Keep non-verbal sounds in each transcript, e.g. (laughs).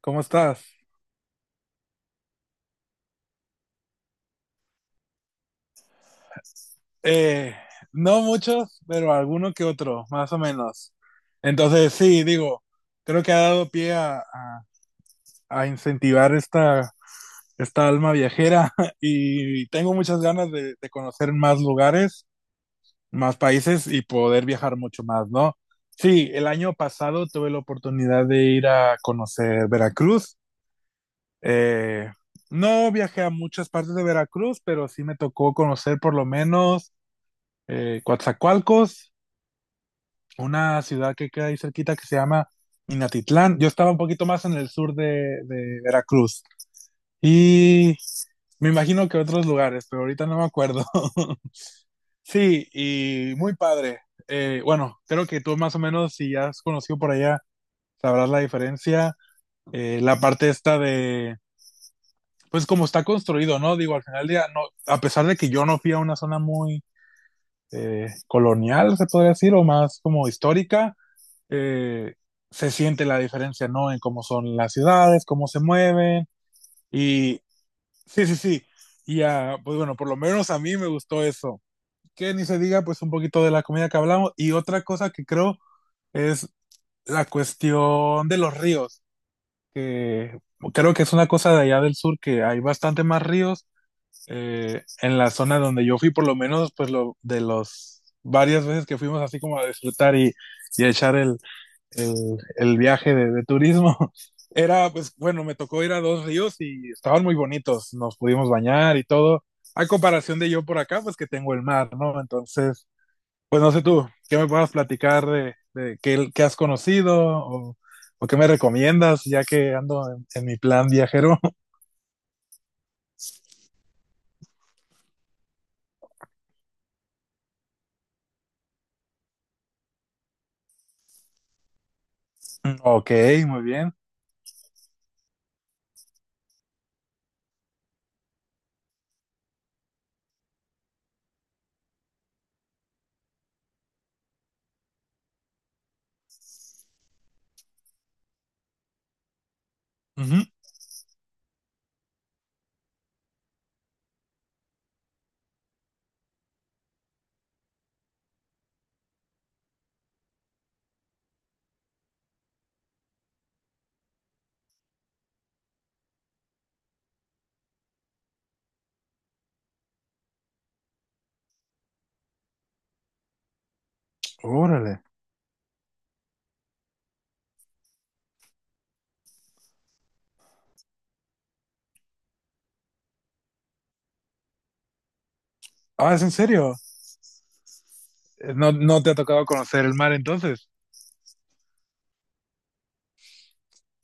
¿Cómo estás? Eh, no muchos, pero alguno que otro, más o menos. Entonces, sí, digo, creo que ha dado pie a incentivar esta alma viajera (laughs) y tengo muchas ganas de conocer más lugares, más países y poder viajar mucho más, ¿no? Sí, el año pasado tuve la oportunidad de ir a conocer Veracruz. Eh, no viajé a muchas partes de Veracruz, pero sí me tocó conocer por lo menos Coatzacoalcos, una ciudad que queda ahí cerquita que se llama Minatitlán. Yo estaba un poquito más en el sur de Veracruz y me imagino que otros lugares, pero ahorita no me acuerdo. (laughs) Sí, y muy padre. Bueno, creo que tú más o menos, si ya has conocido por allá, sabrás la diferencia. La parte esta pues como está construido, ¿no? Digo, al final del día, no, a pesar de que yo no fui a una zona muy colonial, se podría decir, o más como histórica, eh, se siente la diferencia, ¿no? En cómo son las ciudades, cómo se mueven. Y sí, sí, sí. Y ah, pues bueno, por lo menos a mí me gustó eso. Que ni se diga, pues un poquito de la comida que hablamos. Y otra cosa que creo es la cuestión de los ríos, que creo que es una cosa de allá del sur, que hay bastante más ríos. En la zona donde yo fui, por lo menos, pues lo de los varias veces que fuimos así como a disfrutar y a echar el, el viaje de turismo. (laughs) Era, pues bueno, me tocó ir a dos ríos y estaban muy bonitos, nos pudimos bañar y todo. A comparación de yo por acá, pues que tengo el mar, ¿no? Entonces, pues no sé tú, ¿qué me puedas platicar de qué has conocido o qué me recomiendas ya que ando en mi plan viajero? (laughs) Ok, muy bien. Ujú. Órale. Ah, ¿es en serio? ¿No, no te ha tocado conocer el mar entonces?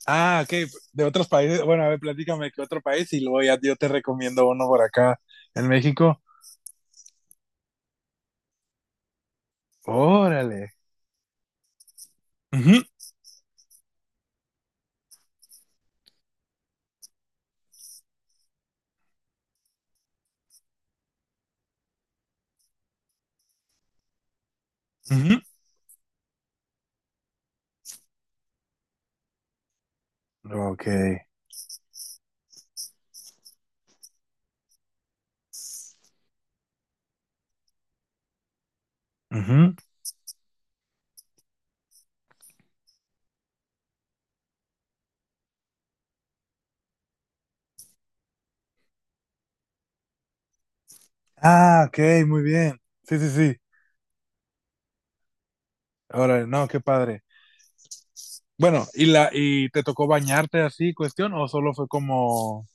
Ah, ok, de otros países. Bueno, a ver, platícame qué otro país y luego ya yo te recomiendo uno por acá en México. Órale. Ujú, ujú. Ok. Ujú. Ah, ok, muy bien. Sí, sí, sí. Órale, no, qué padre. Bueno, ¿Y te tocó bañarte así, cuestión, o solo fue como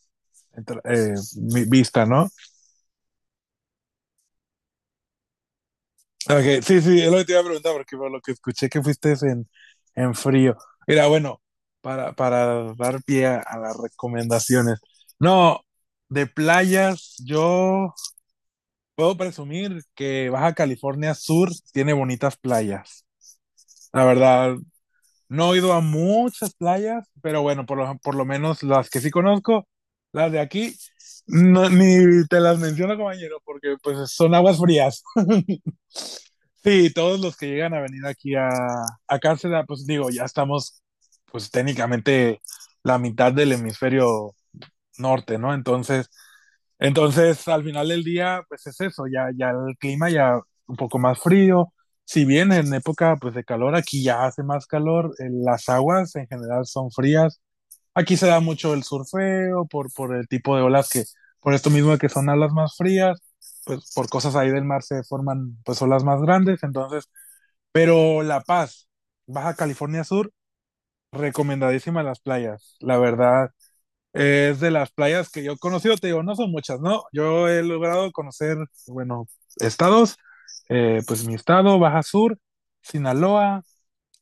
entra- eh, vista, ¿no? Ok, sí, sí, es lo que te iba a preguntar, porque por lo que escuché que fuiste en frío. Mira, bueno, para dar pie a las recomendaciones. No, de playas, yo puedo presumir que Baja California Sur tiene bonitas playas. La verdad, no he ido a muchas playas, pero bueno, por lo menos las que sí conozco, las de aquí, no, ni te las menciono, compañero, porque pues son aguas frías. Sí, todos los que llegan a venir aquí a Cárcel, pues digo, ya estamos, pues técnicamente la mitad del hemisferio norte, ¿no? Entonces, entonces al final del día, pues es eso, ya, ya el clima ya un poco más frío. Si bien en época pues de calor, aquí ya hace más calor, las aguas en general son frías. Aquí se da mucho el surfeo por el tipo de olas que, por esto mismo de que son olas más frías, pues por cosas ahí del mar se forman pues olas más grandes, entonces pero La Paz, Baja California Sur, recomendadísima las playas, la verdad. Es de las playas que yo he conocido, te digo, no son muchas, ¿no? Yo he logrado conocer, bueno, estados, pues mi estado, Baja Sur, Sinaloa,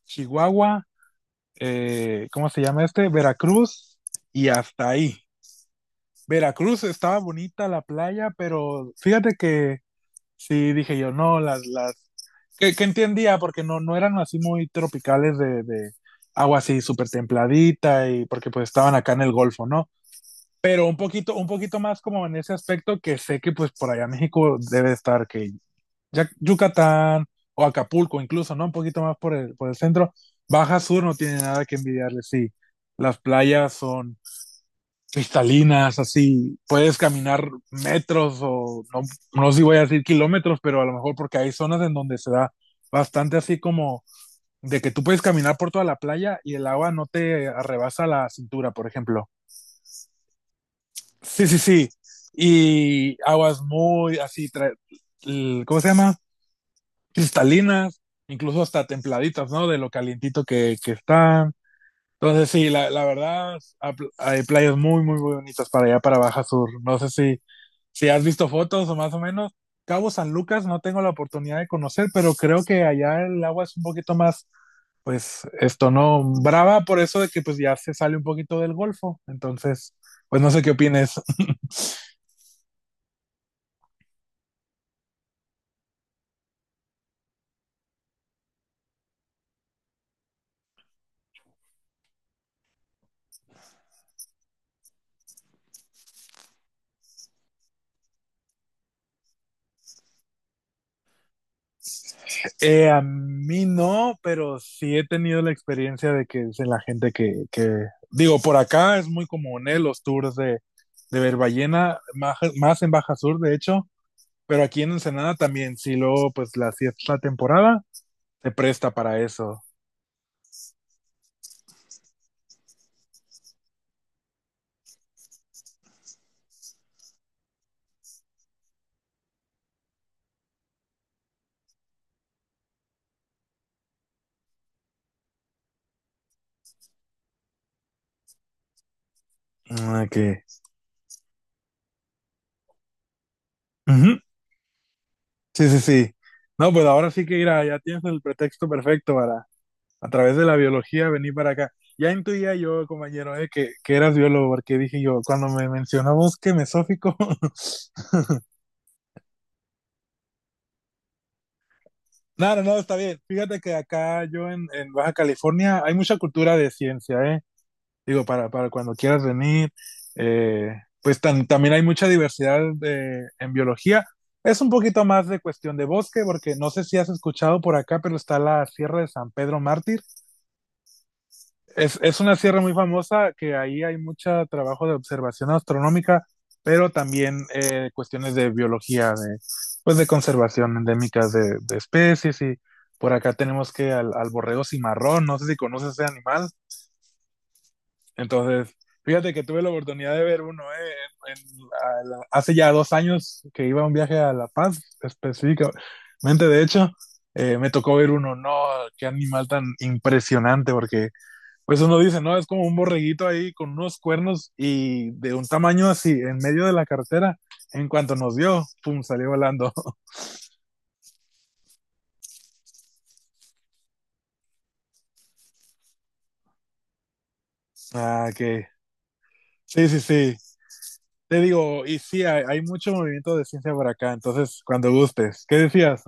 Chihuahua, ¿cómo se llama este? Veracruz y hasta ahí. Veracruz estaba bonita la playa, pero fíjate que sí dije yo, no, las que entendía porque no, no eran así muy tropicales de agua así súper templadita y porque pues estaban acá en el Golfo, ¿no? Pero un poquito más como en ese aspecto que sé que pues por allá México debe estar que Yucatán o Acapulco incluso, ¿no? Un poquito más por el centro. Baja Sur no tiene nada que envidiarle, sí. Las playas son cristalinas, así, puedes caminar metros o no, no sé si voy a decir kilómetros, pero a lo mejor porque hay zonas en donde se da bastante así como de que tú puedes caminar por toda la playa y el agua no te arrebasa la cintura, por ejemplo. Sí, sí, sí. Y aguas muy así, ¿cómo se llama? Cristalinas, incluso hasta templaditas, ¿no? De lo calientito que están. Entonces, sí, la verdad, hay playas muy, muy, muy bonitas para allá, para Baja Sur. No sé si si has visto fotos o más o menos, Cabo San Lucas no tengo la oportunidad de conocer, pero creo que allá el agua es un poquito más, pues esto no, brava por eso de que pues ya se sale un poquito del golfo. Entonces, pues no sé qué opines. A mí no, pero sí he tenido la experiencia de que es de la gente que, digo, por acá es muy común ¿eh? Los tours de ver ballena, más, más en Baja Sur, de hecho, pero aquí en Ensenada también, sí luego pues la si es la temporada, se presta para eso. Ah, que. Ujú. Sí, sí, sí. No, pues ahora sí que mira, ya tienes el pretexto perfecto para, a través de la biología, venir para acá. Ya intuía yo, compañero, que eras biólogo, porque dije yo, cuando me mencionó bosque mesófico. (laughs) No, no, no, está bien. Fíjate que acá yo en Baja California hay mucha cultura de ciencia, ¿eh? Digo, para cuando quieras venir. Eh, pues también hay mucha diversidad en biología. Es un poquito más de cuestión de bosque, porque no sé si has escuchado por acá, pero está la Sierra de San Pedro Mártir. Es una sierra muy famosa que ahí hay mucho trabajo de observación astronómica, pero también cuestiones de biología, pues de conservación endémicas de especies. Y por acá tenemos que al borrego cimarrón, no sé si conoces ese animal. Entonces, fíjate que tuve la oportunidad de ver uno en hace ya 2 años que iba a un viaje a La Paz, específicamente. De hecho, me tocó ver uno. No, qué animal tan impresionante, porque pues uno dice, no, es como un borreguito ahí con unos cuernos y de un tamaño así, en medio de la carretera. En cuanto nos vio, pum, salió volando. (laughs) Ah, que sí, sí, sí. Te digo, y sí, hay, mucho movimiento de ciencia por acá, entonces cuando gustes. ¿Qué decías?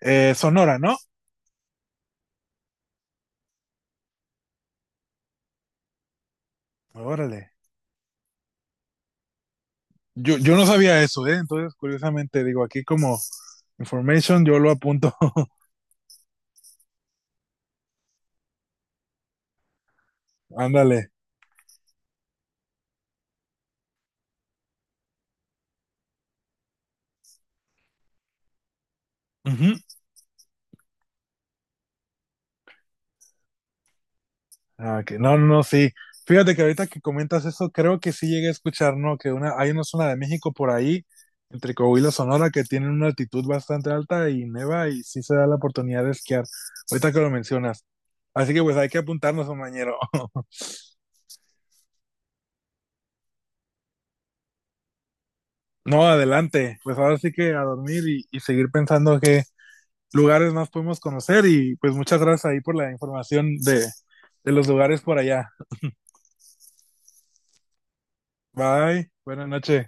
Sonora, ¿no? Órale. Yo no sabía eso, ¿eh? Entonces, curiosamente, digo, aquí como information, yo lo apunto. (laughs) Ándale. Ujú. Ah, que. No, no, no, sí. Fíjate que ahorita que comentas eso, creo que sí llegué a escuchar, ¿no? Que hay una zona de México por ahí, entre Coahuila y Sonora, que tienen una altitud bastante alta y neva y sí se da la oportunidad de esquiar. Ahorita que lo mencionas. Así que pues hay que apuntarnos, compañero. (laughs) No, adelante. Pues ahora sí que a dormir y seguir pensando que lugares más podemos conocer y pues muchas gracias ahí por la información de los lugares por allá. Bye, buenas noches.